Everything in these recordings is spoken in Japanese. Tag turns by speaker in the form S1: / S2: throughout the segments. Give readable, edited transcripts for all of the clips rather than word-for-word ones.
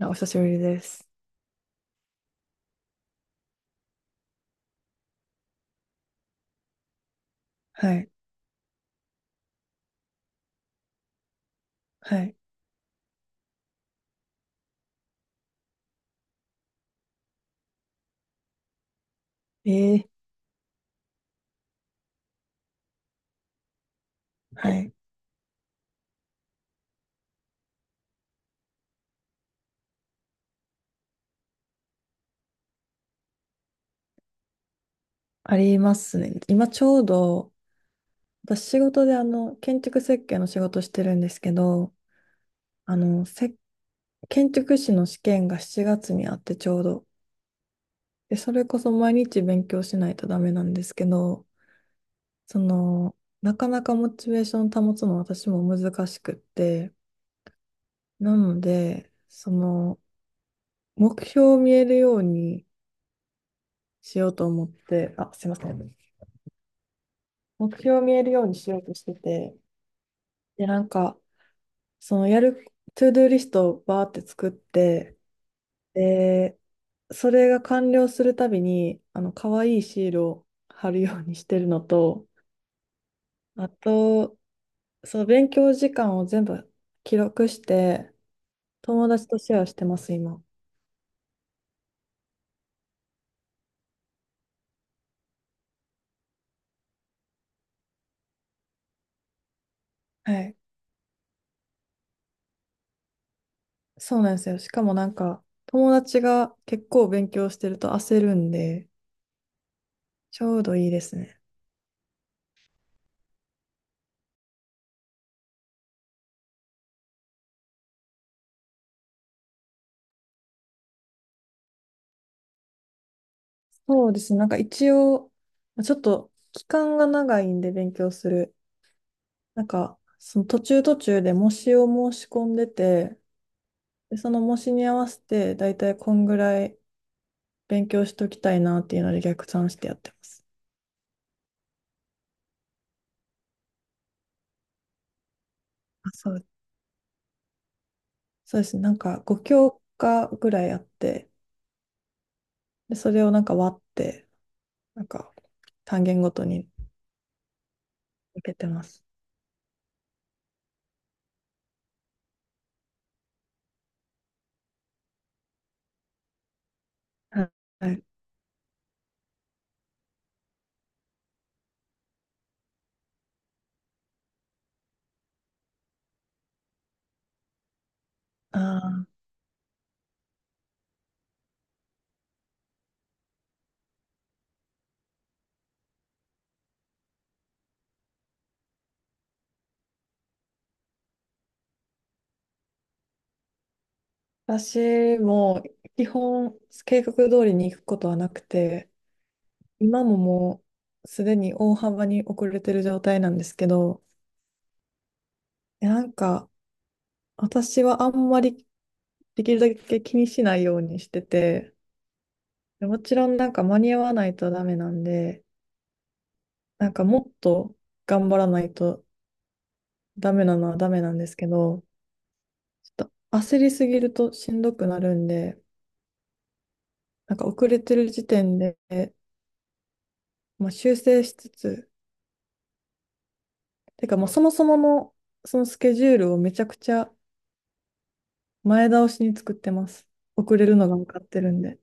S1: あお久しぶりです。はい。はい。ええはい。ありますね。今ちょうど、私仕事で建築設計の仕事してるんですけど、あの、せ、建築士の試験が7月にあってちょうど。で、それこそ毎日勉強しないとダメなんですけど、その、なかなかモチベーション保つの私も難しくって、なので、目標を見えるようにしようと思って、あ、すいません。目標を見えるようにしようとしてて、で、なんか、そのやる、トゥードゥーリストをバーって作って、で、それが完了するたびに、可愛いシールを貼るようにしてるのと、あと、そう勉強時間を全部記録して、友達とシェアしてます、今。はい。そうなんですよ。しかもなんか、友達が結構勉強してると焦るんで、ちょうどいいですね。そうですね。なんか一応、ちょっと期間が長いんで勉強する。なんか、その途中途中で模試を申し込んでて、で、その模試に合わせて、だいたいこんぐらい勉強しときたいなっていうので逆算してやってます。あ、そう。そうですね。なんか5教科ぐらいあって、で、それをなんか割って、なんか単元ごとに分けてます。はい。ああ、私も基本計画通りに行くことはなくて、今ももうすでに大幅に遅れてる状態なんですけど、なんか私はあんまりできるだけ気にしないようにしてて、もちろんなんか間に合わないとダメなんで、なんかもっと頑張らないとダメなのはダメなんですけど、ちょっと焦りすぎるとしんどくなるんで、なんか遅れてる時点で、まあ、修正しつつ、てかもうそもそものそのスケジュールをめちゃくちゃ前倒しに作ってます。遅れるのが分かってるんで。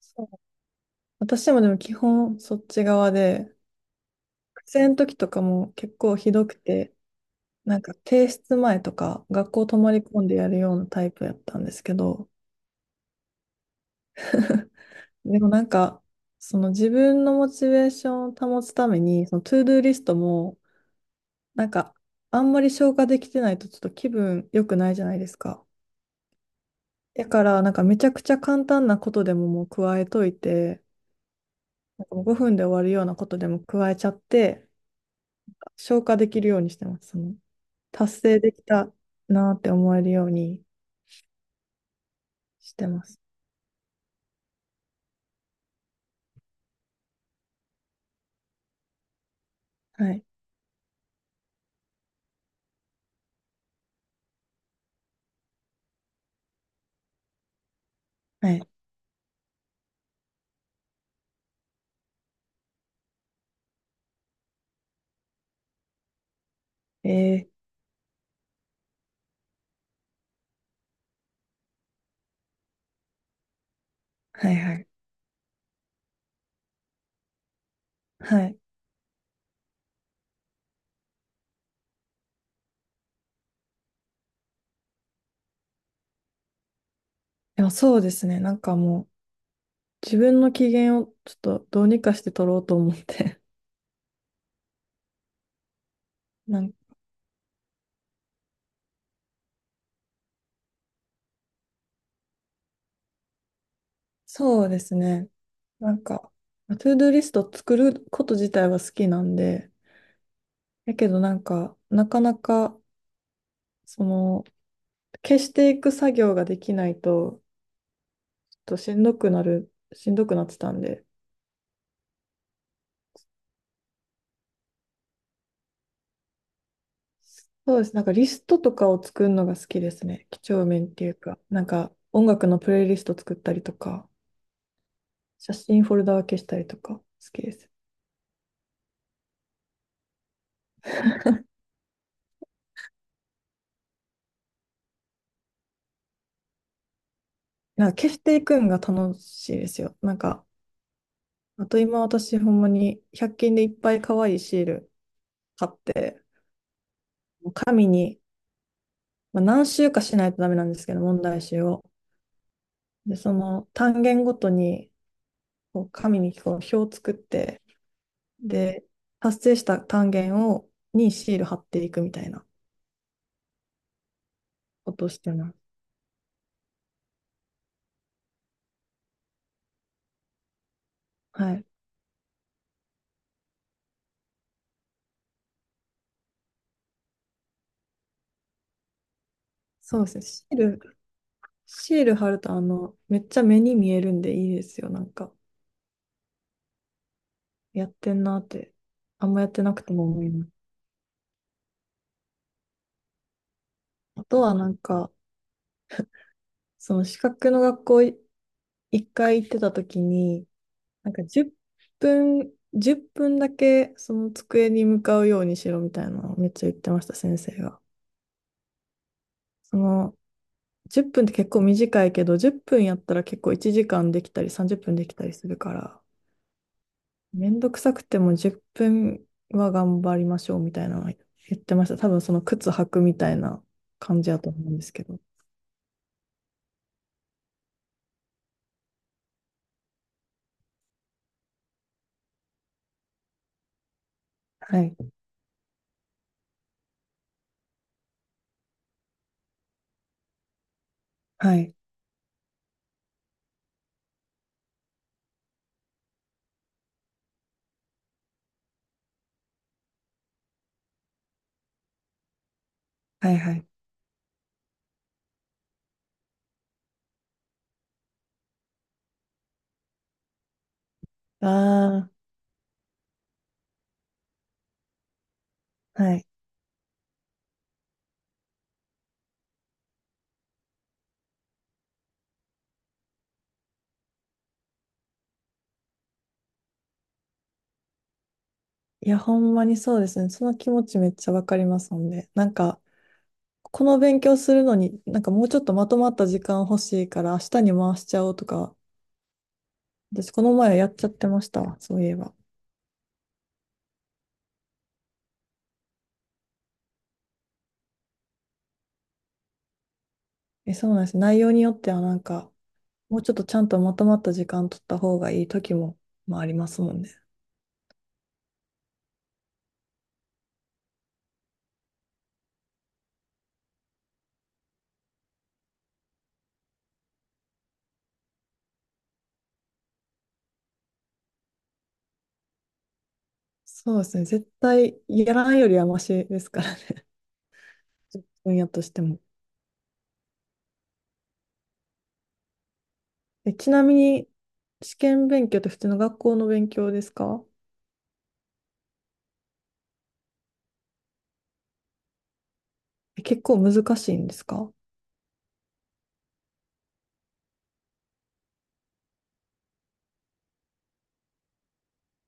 S1: そう私もでも基本そっち側で、学生の時とかも結構ひどくて、なんか提出前とか学校泊まり込んでやるようなタイプやったんですけど、でもなんか、その自分のモチベーションを保つために、そのトゥードゥーリストも、なんかあんまり消化できてないとちょっと気分良くないじゃないですか。だからなんかめちゃくちゃ簡単なことでももう加えといて、なんかもう5分で終わるようなことでも加えちゃって、消化できるようにしてます。達成できたなって思えるようにしてます。はい。はい。えー、はいはい。はい。でもそうですね。なんかもう、自分の機嫌をちょっとどうにかして取ろうと思って。なんそうですね。なんか、トゥードゥーリスト作ること自体は好きなんで、だけどなんか、なかなか、その、消していく作業ができないと、しんどくなってたんで、そうです。なんかリストとかを作るのが好きですね。几帳面っていうか、なんか音楽のプレイリスト作ったりとか、写真フォルダ分けしたりとか好きです。なんか消していくんが楽しいですよ。なんか、あと今私ほんまに100均でいっぱい可愛いシール買って、紙に、まあ、何週かしないとダメなんですけど、問題集を。で、その単元ごとにこう紙にこう表を作って、で、達成した単元を、にシール貼っていくみたいなことをしてます。はい。そうですね。シール貼ると、めっちゃ目に見えるんでいいですよ。なんか、やってんなって、あんまやってなくても思います。あとは、なんか、その資格の学校一回行ってた時に、なんか1010分だけその机に向かうようにしろみたいなのをめっちゃ言ってました、先生が。その10分っぷんって結構短いけど、10分やったら結構1時間できたり30分できたりするから、めんどくさくても10分は頑張りましょうみたいなの言ってました。多分その靴履くみたいな感じだと思うんですけど。はい。はい。はいはい。ああ、はい。いや、ほんまにそうですね。その気持ちめっちゃわかりますもんね。なんか、この勉強するのに、なんかもうちょっとまとまった時間欲しいから明日に回しちゃおうとか、私この前やっちゃってましたわ。そういえば。え、そうなんです。内容によってはなんか、もうちょっとちゃんとまとまった時間取った方がいい時も、まあ、ありますもんね。そうですね。絶対やらないよりはマシですからね。分野としても。え、ちなみに、試験勉強って普通の学校の勉強ですか？え、結構難しいんですか？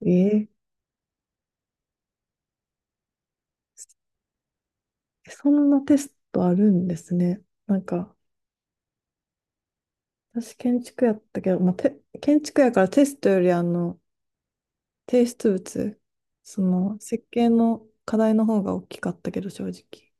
S1: えーそんなテストあるんですね。なんか、私建築やったけど、まあ、て建築やからテストよりあの、提出物、その設計の課題の方が大きかったけど、正直。